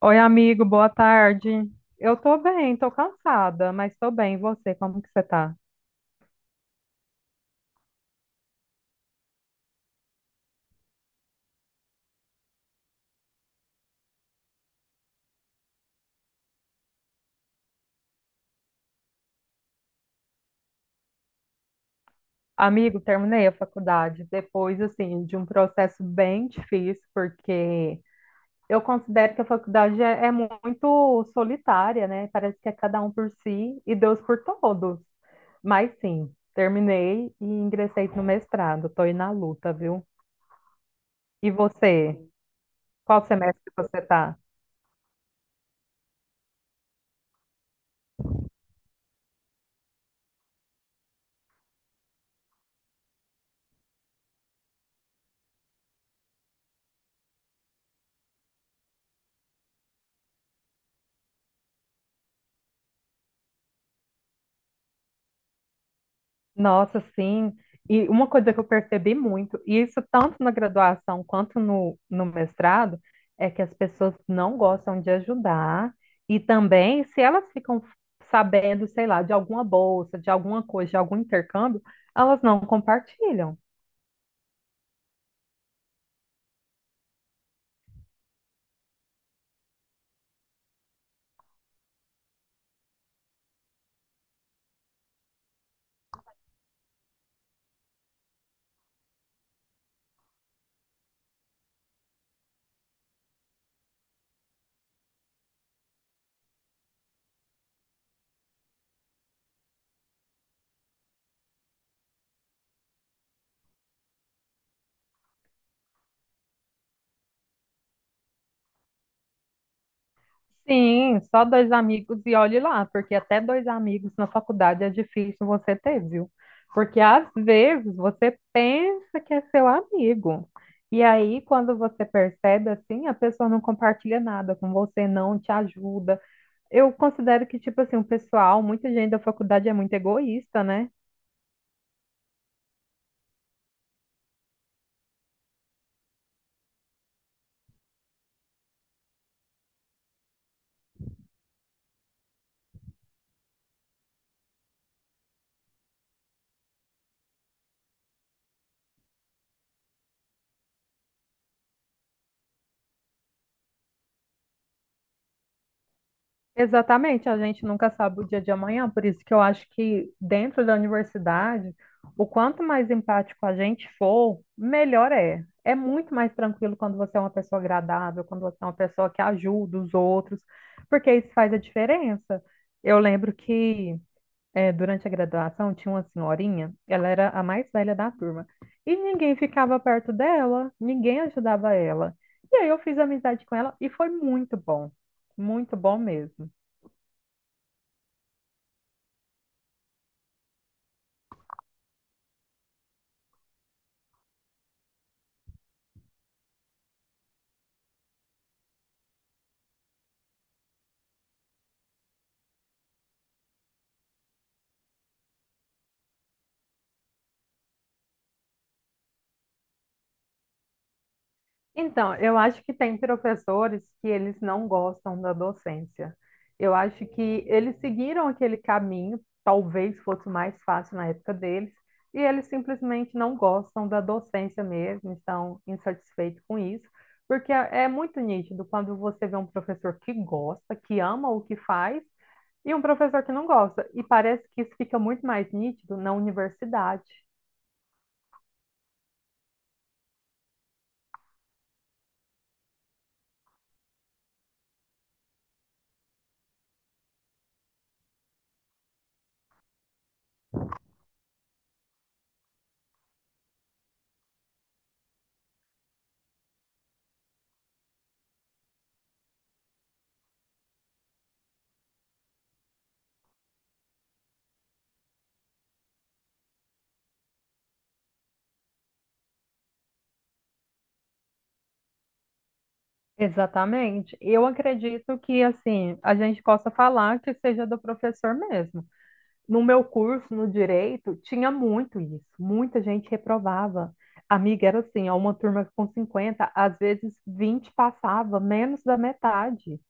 Oi, amigo, boa tarde. Eu tô bem, tô cansada, mas tô bem. E você, como que você tá? Amigo, terminei a faculdade depois, assim, de um processo bem difícil, porque eu considero que a faculdade é muito solitária, né? Parece que é cada um por si e Deus por todos. Mas sim, terminei e ingressei no mestrado. Estou aí na luta, viu? E você? Qual semestre você está? Nossa, sim. E uma coisa que eu percebi muito, e isso tanto na graduação quanto no mestrado, é que as pessoas não gostam de ajudar. E também, se elas ficam sabendo, sei lá, de alguma bolsa, de alguma coisa, de algum intercâmbio, elas não compartilham. Sim, só dois amigos e olhe lá, porque até dois amigos na faculdade é difícil você ter, viu? Porque às vezes você pensa que é seu amigo. E aí, quando você percebe assim, a pessoa não compartilha nada com você, não te ajuda. Eu considero que, tipo assim, o pessoal, muita gente da faculdade é muito egoísta, né? Exatamente, a gente nunca sabe o dia de amanhã, por isso que eu acho que dentro da universidade, o quanto mais empático a gente for, melhor é. É muito mais tranquilo quando você é uma pessoa agradável, quando você é uma pessoa que ajuda os outros, porque isso faz a diferença. Eu lembro que durante a graduação tinha uma senhorinha, ela era a mais velha da turma, e ninguém ficava perto dela, ninguém ajudava ela. E aí eu fiz amizade com ela e foi muito bom mesmo. Então, eu acho que tem professores que eles não gostam da docência. Eu acho que eles seguiram aquele caminho, talvez fosse mais fácil na época deles, e eles simplesmente não gostam da docência mesmo, estão insatisfeitos com isso, porque é muito nítido quando você vê um professor que gosta, que ama o que faz, e um professor que não gosta. E parece que isso fica muito mais nítido na universidade. Exatamente. Eu acredito que assim a gente possa falar que seja do professor mesmo. No meu curso, no direito, tinha muito isso. Muita gente reprovava. Amiga, era assim, ó, uma turma com 50, às vezes 20 passava, menos da metade.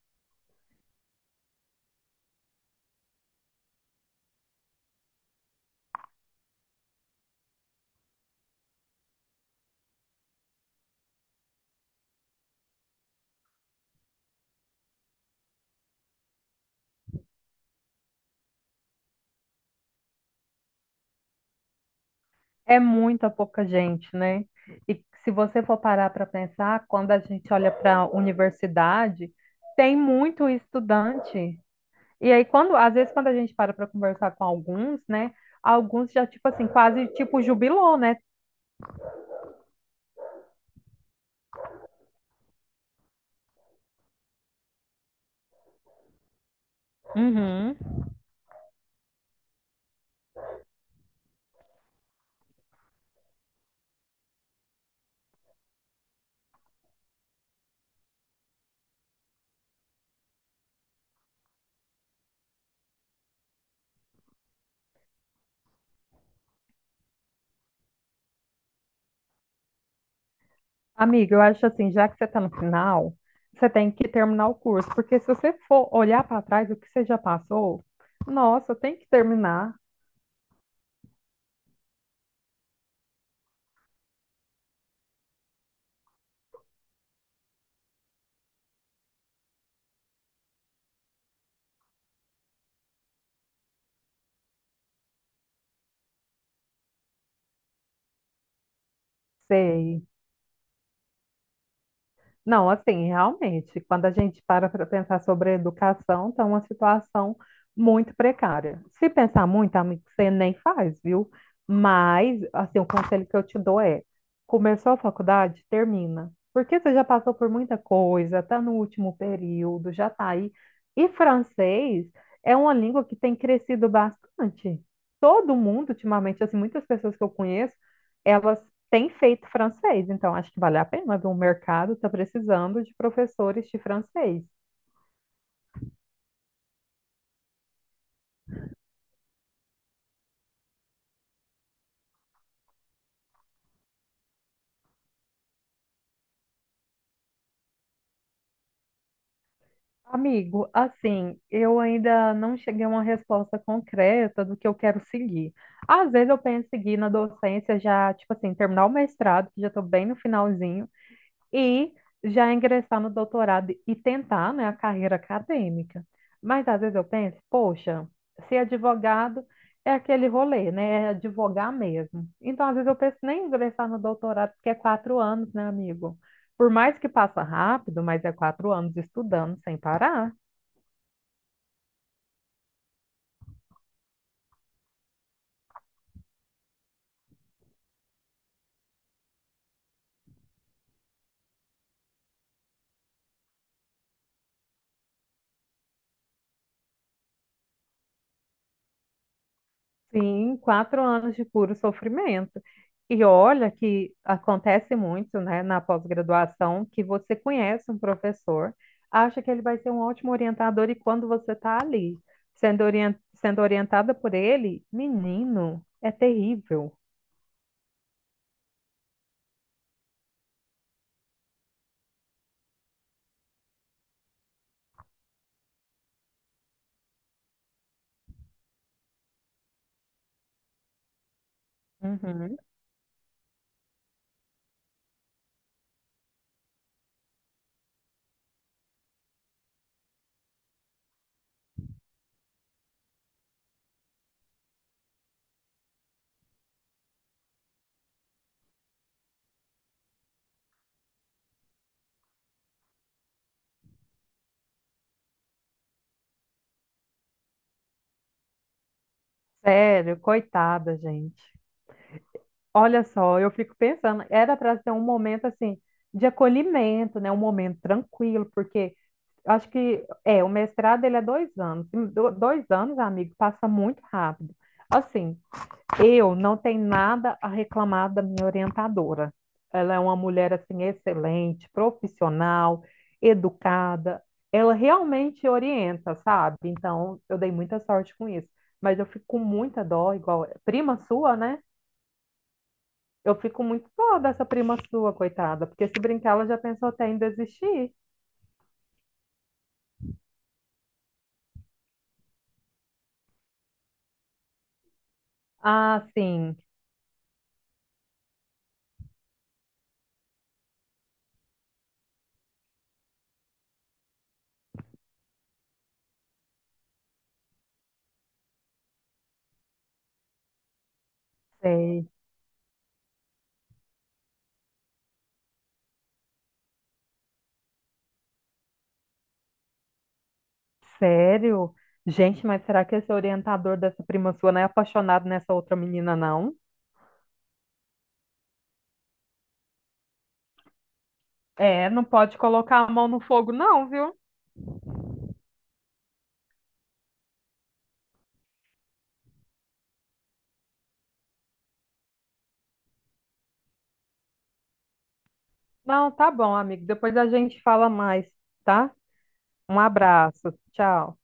É muita pouca gente, né? E se você for parar para pensar, quando a gente olha para a universidade, tem muito estudante. E aí, quando, às vezes, quando a gente para para conversar com alguns, né? Alguns já, tipo assim, quase tipo jubilou, né? Uhum. Amiga, eu acho assim, já que você está no final, você tem que terminar o curso, porque se você for olhar para trás o que você já passou, nossa, tem que terminar. Sei. Não, assim, realmente, quando a gente para para pensar sobre a educação, está uma situação muito precária. Se pensar muito, amigo, você nem faz, viu? Mas, assim, o conselho que eu te dou é: começou a faculdade, termina. Porque você já passou por muita coisa, está no último período, já está aí. E francês é uma língua que tem crescido bastante. Todo mundo, ultimamente, assim, muitas pessoas que eu conheço, elas tem feito francês, então acho que vale a pena, viu? O mercado está precisando de professores de francês. Amigo, assim, eu ainda não cheguei a uma resposta concreta do que eu quero seguir. Às vezes eu penso em seguir na docência já, tipo assim, terminar o mestrado, que já estou bem no finalzinho, e já ingressar no doutorado e tentar, né, a carreira acadêmica. Mas às vezes eu penso, poxa, ser advogado é aquele rolê, né? É advogar mesmo. Então, às vezes eu penso nem em ingressar no doutorado, porque é quatro anos, né, amigo? Por mais que passa rápido, mas é quatro anos estudando sem parar. Sim, quatro anos de puro sofrimento. E olha que acontece muito, né, na pós-graduação, que você conhece um professor, acha que ele vai ser um ótimo orientador, e quando você está ali, sendo orientada por ele, menino, é terrível. Uhum. Sério, coitada, gente. Olha só, eu fico pensando, era para ser um momento assim de acolhimento, né? Um momento tranquilo, porque acho que é, o mestrado ele é dois anos. Dois anos, amigo, passa muito rápido. Assim, eu não tenho nada a reclamar da minha orientadora. Ela é uma mulher assim excelente, profissional, educada. Ela realmente orienta, sabe? Então, eu dei muita sorte com isso. Mas eu fico com muita dó, igual prima sua, né? Eu fico muito dó dessa prima sua, coitada, porque se brincar, ela já pensou até em desistir. Ah, sim, sei. Sério? Gente, mas será que esse orientador dessa prima sua não é apaixonado nessa outra menina, não? É, não pode colocar a mão no fogo, não, viu? Não, tá bom, amigo. Depois a gente fala mais, tá? Um abraço. Tchau.